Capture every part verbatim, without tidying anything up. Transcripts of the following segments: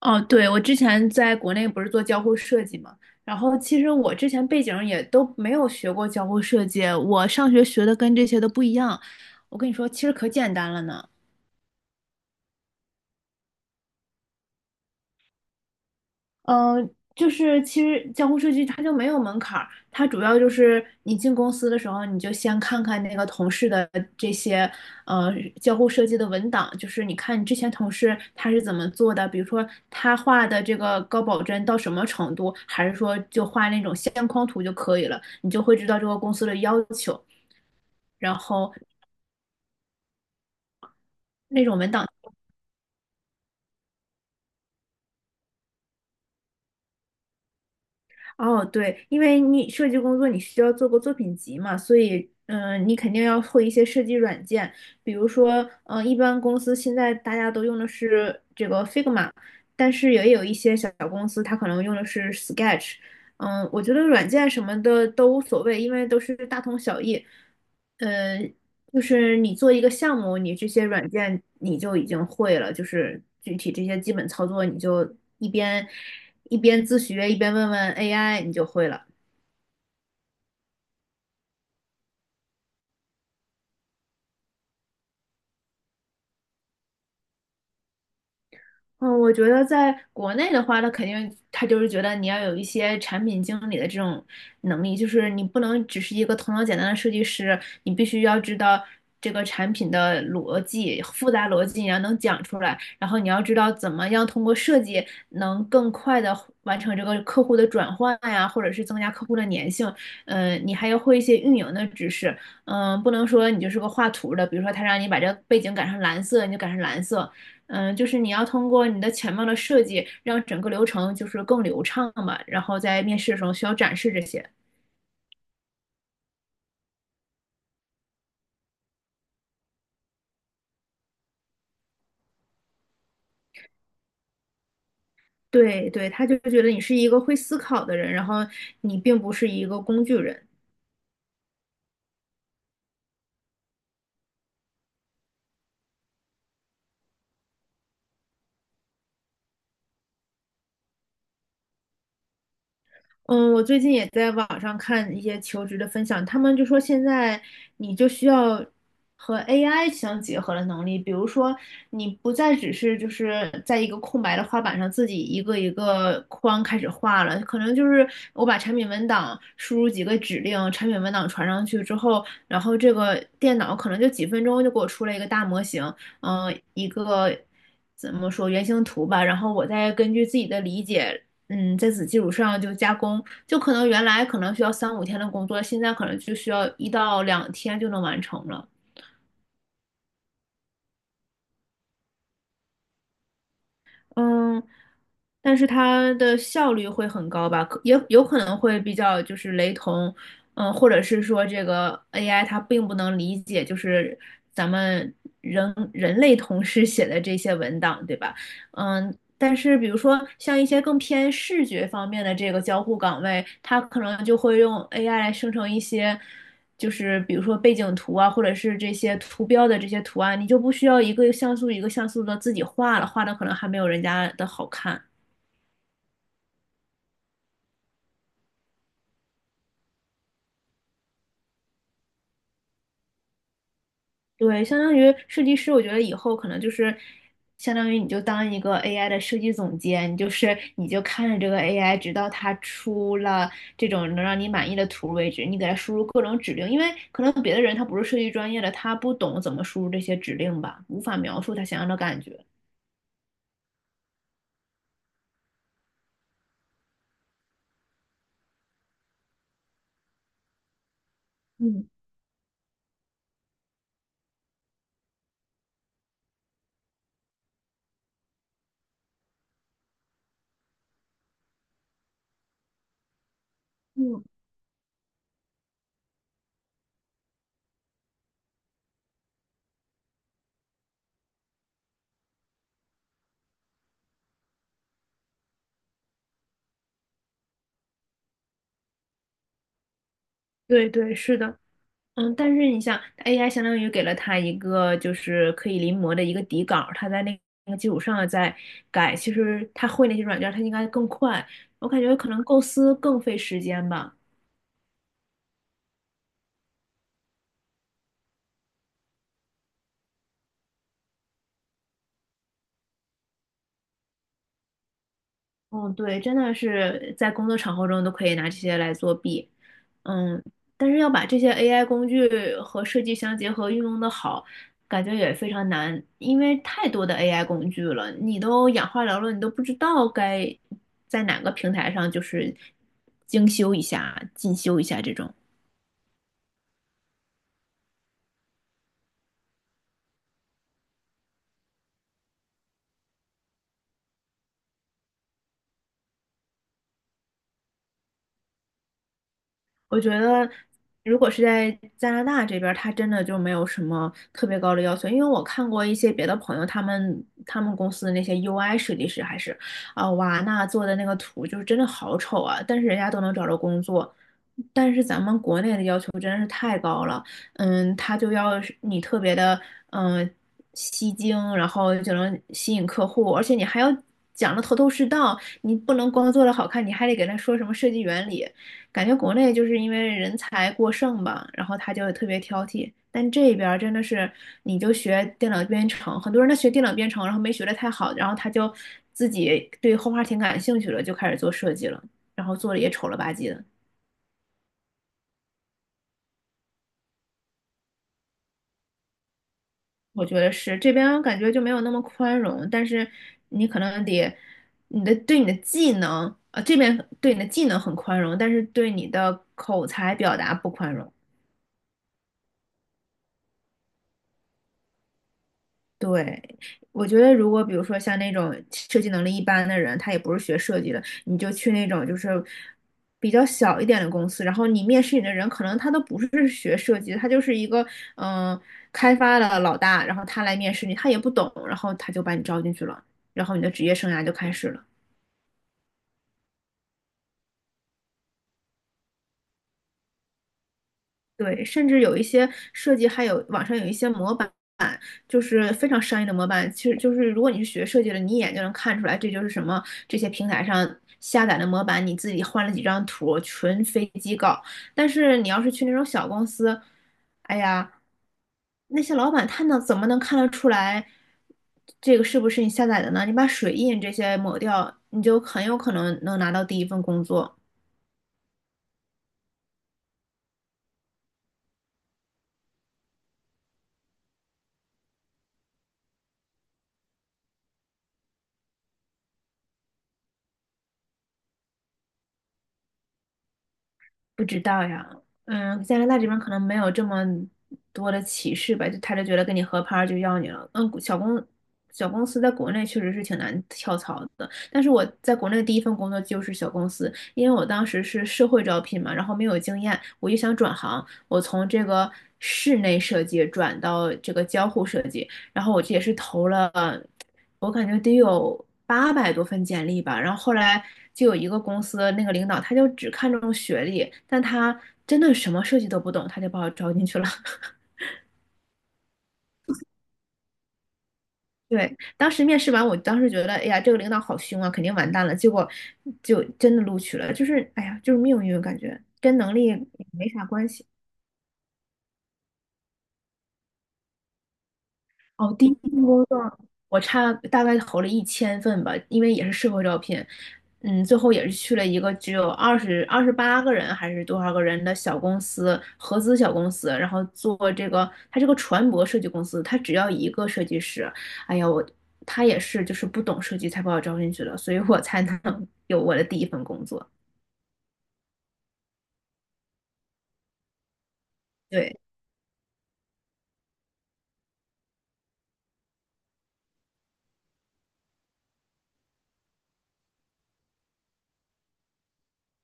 哦，对，我之前在国内不是做交互设计嘛，然后其实我之前背景也都没有学过交互设计，我上学学的跟这些都不一样。我跟你说，其实可简单了呢。嗯，就是其实交互设计它就没有门槛儿，它主要就是你进公司的时候，你就先看看那个同事的这些呃交互设计的文档，就是你看你之前同事他是怎么做的，比如说他画的这个高保真到什么程度，还是说就画那种线框图就可以了，你就会知道这个公司的要求，然后。那种文档。哦，对，因为你设计工作你需要做个作品集嘛，所以嗯、呃你肯定要会一些设计软件，比如说嗯、呃一般公司现在大家都用的是这个 Figma，但是也有一些小小公司它可能用的是 Sketch，嗯、我觉得软件什么的都无所谓，因为都是大同小异。嗯。就是你做一个项目，你这些软件你就已经会了，就是具体这些基本操作，你就一边一边自学，一边问问 A I，你就会了。嗯，我觉得在国内的话，他肯定他就是觉得你要有一些产品经理的这种能力，就是你不能只是一个头脑简单的设计师，你必须要知道这个产品的逻辑、复杂逻辑，你要能讲出来，然后你要知道怎么样通过设计能更快的完成这个客户的转换呀，或者是增加客户的粘性。嗯，你还要会一些运营的知识，嗯，不能说你就是个画图的，比如说他让你把这个背景改成蓝色，你就改成蓝色。嗯，就是你要通过你的前面的设计，让整个流程就是更流畅嘛，然后在面试的时候需要展示这些。对对，他就觉得你是一个会思考的人，然后你并不是一个工具人。嗯，我最近也在网上看一些求职的分享，他们就说现在你就需要和 A I 相结合的能力，比如说你不再只是就是在一个空白的画板上自己一个一个框开始画了，可能就是我把产品文档输入几个指令，产品文档传上去之后，然后这个电脑可能就几分钟就给我出了一个大模型，嗯、一个。怎么说原型图吧，然后我再根据自己的理解嗯，在此基础上就加工，就可能原来可能需要三五天的工作，现在可能就需要一到两天就能完成了。嗯，但是它的效率会很高吧？可也有可能会比较就是雷同，嗯，或者是说这个 A I 它并不能理解就是咱们人人类同事写的这些文档，对吧？嗯。但是，比如说像一些更偏视觉方面的这个交互岗位，它可能就会用 A I 来生成一些。就是比如说背景图啊，或者是这些图标的这些图案，你就不需要一个像素一个像素的自己画了，画的可能还没有人家的好看。对，相当于设计师，我觉得以后可能就是相当于你就当一个 A I 的设计总监，你就是你就看着这个 A I，直到它出了这种能让你满意的图为止，你给它输入各种指令，因为可能别的人他不是设计专业的，他不懂怎么输入这些指令吧，无法描述他想要的感觉。嗯嗯，对对，是的。嗯，但是你像 A I 相当于给了他一个就是可以临摹的一个底稿，他在那那个基础上再改，其实他会那些软件他应该更快。我感觉可能构思更费时间吧。嗯，对，真的是在工作场合中都可以拿这些来作弊，嗯，但是要把这些 A I 工具和设计相结合，运用的好，感觉也非常难，因为太多的 A I 工具了，你都眼花缭乱，你都不知道该在哪个平台上就是精修一下、进修一下这种。我觉得，如果是在加拿大这边儿他真的就没有什么特别高的要求，因为我看过一些别的朋友，他们他们公司的那些 U I 设计师还是，啊、哇，那做的那个图就是真的好丑啊，但是人家都能找着工作。但是咱们国内的要求真是太高了，嗯，他就要是你特别的，嗯，吸睛，然后就能吸引客户，而且你还要讲的头头是道，你不能光做的好看，你还得给他说什么设计原理。感觉国内就是因为人才过剩吧，然后他就特别挑剔。但这边儿真的是，你就学电脑编程，很多人他学电脑编程，然后没学得太好，然后他就自己对画画挺感兴趣了，就开始做设计了，然后做的也丑了吧唧的。我觉得是这边感觉就没有那么宽容，但是你可能得你的对你的技能啊，呃这边对你的技能很宽容，但是对你的口才表达不宽容。对，我觉得如果比如说像那种设计能力一般的人，他也不是学设计的，你就去那种就是比较小一点的公司，然后你面试你的人可能他都不是学设计的，他就是一个嗯、呃开发的老大，然后他来面试你，他也不懂，然后他就把你招进去了，然后你的职业生涯就开始了。对，甚至有一些设计，还有网上有一些模板，就是非常商业的模板。其实就是如果你是学设计的，你一眼就能看出来，这就是什么这些平台上下载的模板，你自己换了几张图，纯飞机稿。但是你要是去那种小公司，哎呀，那些老板他能怎么能看得出来这个是不是你下载的呢？你把水印这些抹掉，你就很有可能能拿到第一份工作。不知道呀，嗯，加拿大这边可能没有这么多的歧视吧，就他就觉得跟你合拍儿就要你了。嗯，小公小公司在国内确实是挺难跳槽的，但是我在国内第一份工作就是小公司，因为我当时是社会招聘嘛，然后没有经验，我就想转行，我从这个室内设计转到这个交互设计，然后我这也是投了。我感觉得有八百多份简历吧，然后后来就有一个公司那个领导，他就只看重学历，但他真的什么设计都不懂，他就把我招进去了。对，当时面试完，我当时觉得，哎呀，这个领导好凶啊，肯定完蛋了。结果就真的录取了，就是，哎呀，就是命运，感觉跟能力也没啥关系。哦，第一份工作我差大概投了一千份吧，因为也是社会招聘，嗯，最后也是去了一个只有二十二十八个人还是多少个人的小公司，合资小公司，然后做这个，它是个船舶设计公司，它只要一个设计师，哎呀，我他也是就是不懂设计才把我招进去的，所以我才能 有我的第一份工作。对，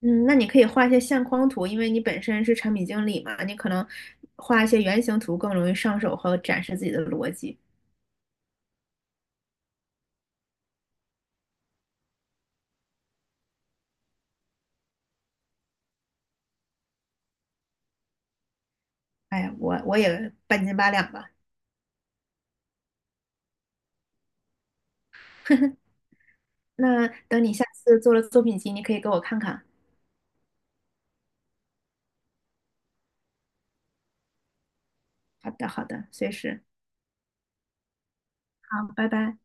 嗯，那你可以画一些相框图，因为你本身是产品经理嘛，你可能画一些原型图更容易上手和展示自己的逻辑。哎呀我我也半斤八两吧。那等你下次做了作品集，你可以给我看看。好的，好的，随时。好，拜拜。